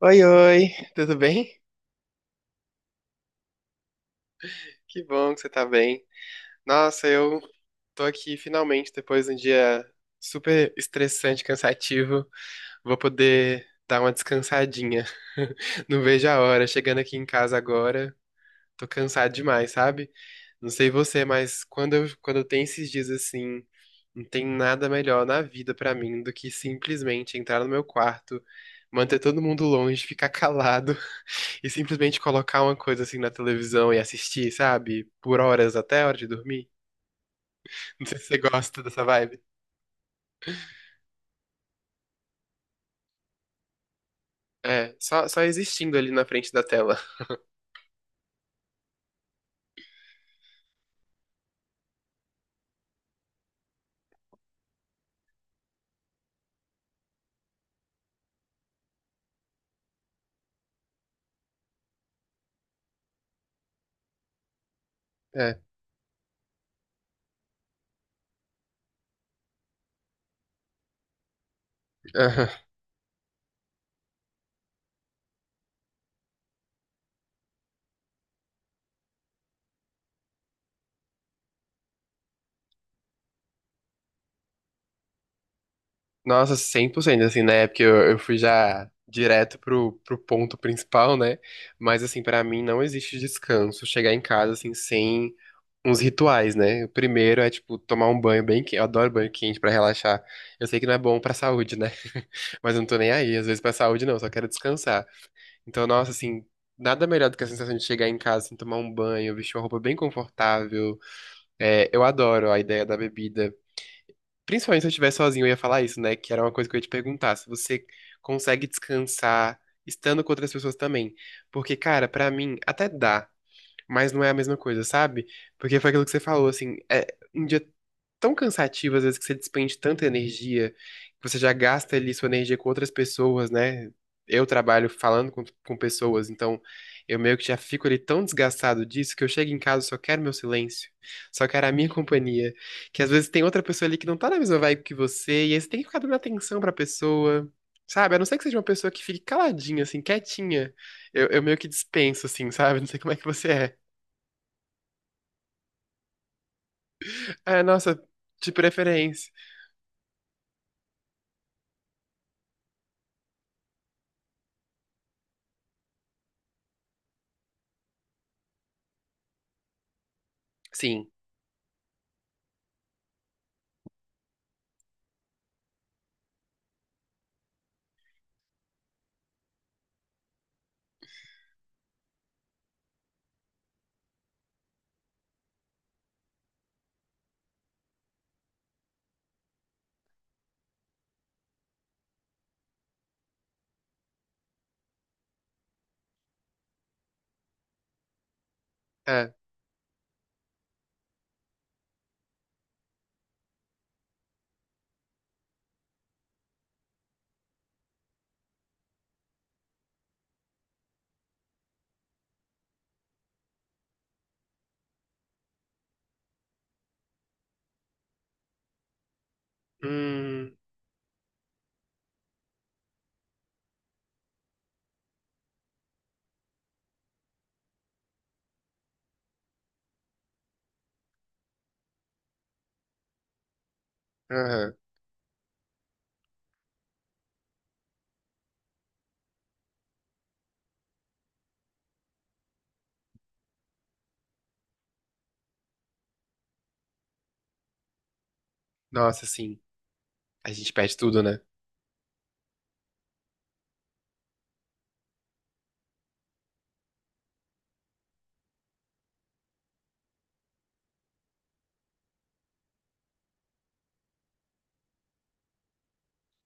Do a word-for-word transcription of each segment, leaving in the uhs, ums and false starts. Oi, oi, tudo bem? Que bom que você tá bem. Nossa, eu tô aqui finalmente, depois de um dia super estressante, cansativo, vou poder dar uma descansadinha. Não vejo a hora, chegando aqui em casa agora, tô cansado demais, sabe? Não sei você, mas quando eu, quando eu tenho esses dias assim, não tem nada melhor na vida pra mim do que simplesmente entrar no meu quarto, manter todo mundo longe, ficar calado e simplesmente colocar uma coisa assim na televisão e assistir, sabe? Por horas até a hora de dormir. Não sei se você gosta dessa vibe. É, só, só existindo ali na frente da tela. É. Aham. Nossa, cem por cento assim, né? Porque eu, eu fui já direto pro, pro ponto principal, né? Mas, assim, pra mim não existe descanso chegar em casa, assim, sem uns rituais, né? O primeiro é, tipo, tomar um banho bem quente. Eu adoro banho quente pra relaxar. Eu sei que não é bom pra saúde, né? Mas eu não tô nem aí, às vezes pra saúde não, só quero descansar. Então, nossa, assim, nada melhor do que a sensação de chegar em casa, assim, tomar um banho, vestir uma roupa bem confortável. É, eu adoro a ideia da bebida. Principalmente se eu estiver sozinho, eu ia falar isso, né? Que era uma coisa que eu ia te perguntar, se você consegue descansar estando com outras pessoas também. Porque, cara, pra mim, até dá, mas não é a mesma coisa, sabe? Porque foi aquilo que você falou, assim, é um dia tão cansativo, às vezes, que você despende tanta energia, que você já gasta ali sua energia com outras pessoas, né? Eu trabalho falando com, com pessoas, então eu meio que já fico ali tão desgastado disso que eu chego em casa e só quero meu silêncio, só quero a minha companhia. Que às vezes tem outra pessoa ali que não tá na mesma vibe que você, e aí você tem que ficar dando atenção pra pessoa. Sabe, a não ser que seja uma pessoa que fique caladinha, assim, quietinha, eu, eu meio que dispenso, assim, sabe? Não sei como é que você é. É, nossa, de preferência. Sim, é. Hum, aham. Nossa, sim. A gente perde tudo, né?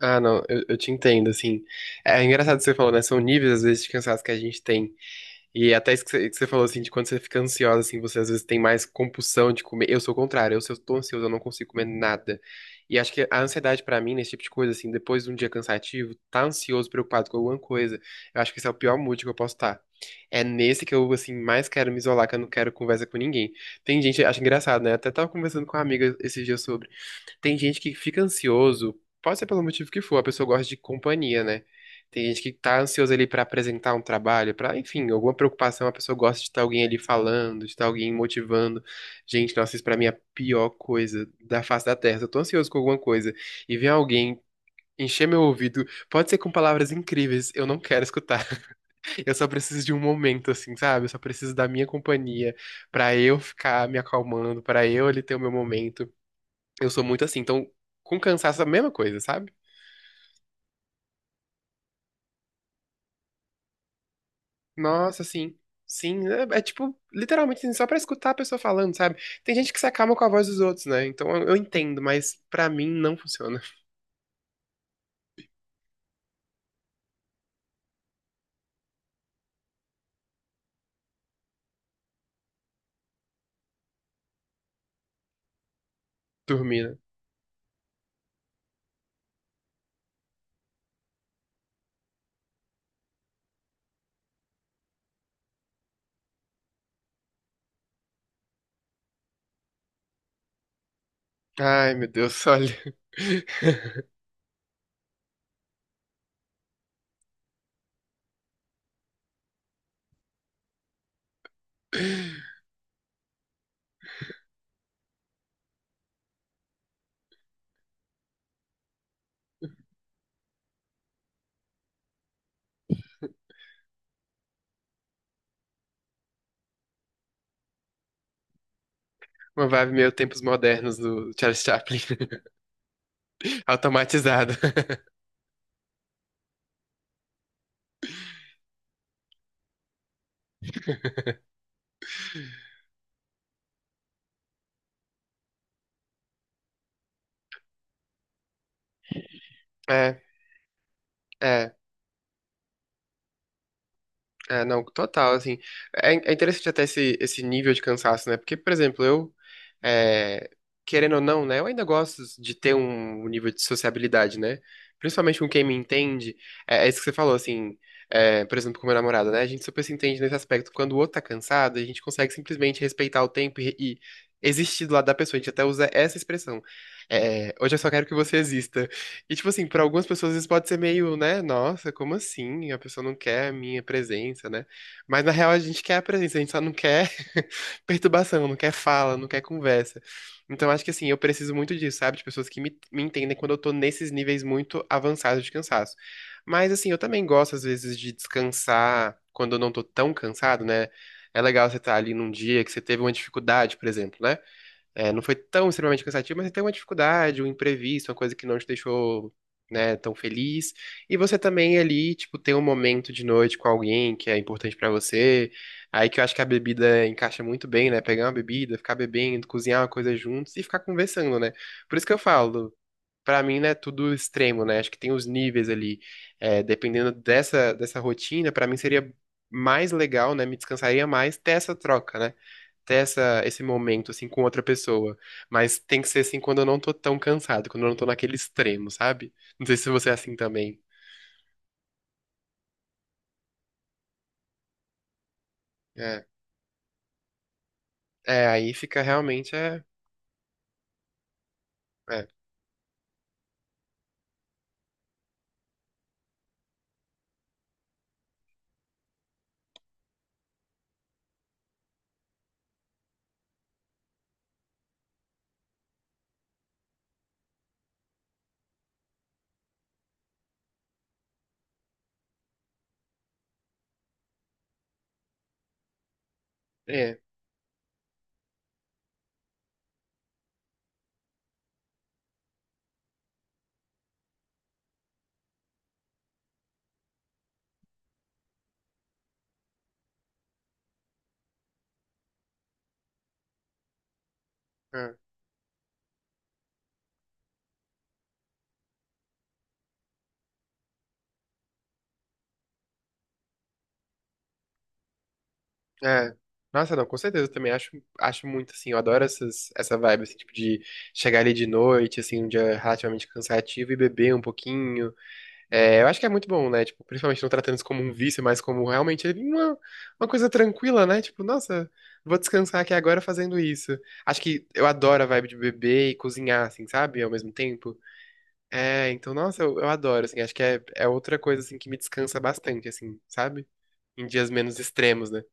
Ah, não, eu, eu te entendo, assim. É, é engraçado que você falou, né? São níveis, às vezes, de cansaço que a gente tem. E é até isso que você que você falou, assim, de quando você fica ansiosa, assim, você às vezes tem mais compulsão de comer. Eu sou o contrário, eu, se eu tô ansioso, eu não consigo comer nada. E acho que a ansiedade pra mim, nesse tipo de coisa, assim, depois de um dia cansativo, tá ansioso, preocupado com alguma coisa, eu acho que esse é o pior mood que eu posso estar. É nesse que eu, assim, mais quero me isolar, que eu não quero conversa com ninguém. Tem gente, acho engraçado, né? Até tava conversando com uma amiga esses dias sobre. Tem gente que fica ansioso, pode ser pelo motivo que for, a pessoa gosta de companhia, né? Tem gente que tá ansiosa ali pra apresentar um trabalho, pra, enfim, alguma preocupação, a pessoa gosta de estar alguém ali falando, de estar alguém motivando. Gente, nossa, isso pra mim é a pior coisa da face da Terra. Se eu tô ansioso com alguma coisa e vem alguém encher meu ouvido, pode ser com palavras incríveis, eu não quero escutar. Eu só preciso de um momento, assim, sabe? Eu só preciso da minha companhia pra eu ficar me acalmando, pra eu ali ter o meu momento. Eu sou muito assim, então, com cansaço é a mesma coisa, sabe? Nossa, sim. Sim, é, é tipo, literalmente, assim, só pra escutar a pessoa falando, sabe? Tem gente que se acalma com a voz dos outros, né? Então eu, eu entendo, mas pra mim não funciona. Dormir, né? Ai, meu Deus, olha. Uma vibe meio tempos modernos do Charles Chaplin, automatizado. É, é. É, não, total, assim, é, é interessante até esse, esse nível de cansaço, né, porque, por exemplo, eu, é, querendo ou não, né, eu ainda gosto de ter um um nível de sociabilidade, né, principalmente com quem me entende, é, é isso que você falou, assim, é, por exemplo, com meu namorado, né, a gente super se entende nesse aspecto, quando o outro tá cansado, a gente consegue simplesmente respeitar o tempo e, e existir do lado da pessoa, a gente até usa essa expressão, é, hoje eu só quero que você exista, e, tipo assim, pra algumas pessoas isso pode ser meio, né? Nossa, como assim? A pessoa não quer a minha presença, né? Mas na real a gente quer a presença, a gente só não quer perturbação, não quer fala, não quer conversa. Então acho que assim, eu preciso muito disso, sabe? De pessoas que me, me entendem quando eu tô nesses níveis muito avançados de cansaço. Mas assim, eu também gosto às vezes de descansar quando eu não tô tão cansado, né? É legal você estar ali num dia que você teve uma dificuldade, por exemplo, né? É, não foi tão extremamente cansativo, mas tem uma dificuldade, um imprevisto, uma coisa que não te deixou, né, tão feliz. E você também ali, tipo, tem um momento de noite com alguém que é importante pra você. Aí que eu acho que a bebida encaixa muito bem, né? Pegar uma bebida, ficar bebendo, cozinhar uma coisa juntos e ficar conversando, né? Por isso que eu falo, pra mim, né, tudo extremo, né? Acho que tem os níveis ali. É, dependendo dessa, dessa rotina, pra mim seria mais legal, né? Me descansaria mais ter essa troca, né? Ter essa, esse momento, assim, com outra pessoa. Mas tem que ser, assim, quando eu não tô tão cansado, quando eu não tô naquele extremo, sabe? Não sei se você é assim também. É, é aí fica realmente, é, é, é, é. É. Nossa, não, com certeza, eu também acho, acho muito, assim, eu adoro essas, essa vibe, assim, tipo, de chegar ali de noite, assim, um dia relativamente cansativo e beber um pouquinho. É, eu acho que é muito bom, né? Tipo, principalmente não tratando isso como um vício, mas como realmente é uma, uma coisa tranquila, né? Tipo, nossa, vou descansar aqui agora fazendo isso. Acho que eu adoro a vibe de beber e cozinhar, assim, sabe? Ao mesmo tempo. É, então, nossa, eu, eu adoro, assim. Acho que é, é outra coisa, assim, que me descansa bastante, assim, sabe? Em dias menos extremos, né?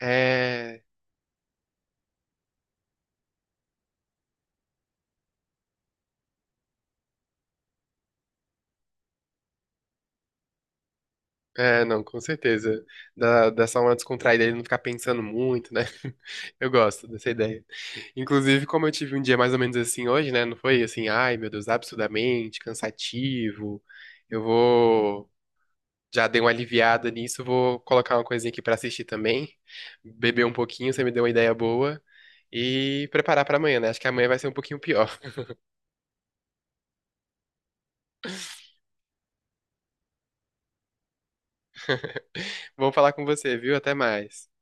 É. É, não, com certeza. Dá, dá só uma descontraída, ele não ficar pensando muito, né? Eu gosto dessa ideia. Inclusive, como eu tive um dia mais ou menos assim hoje, né? Não foi assim, ai meu Deus, absurdamente cansativo. Eu vou. Já dei uma aliviada nisso, vou colocar uma coisinha aqui pra assistir também. Beber um pouquinho, você me deu uma ideia boa. E preparar pra amanhã, né? Acho que amanhã vai ser um pouquinho pior. Vou falar com você, viu? Até mais.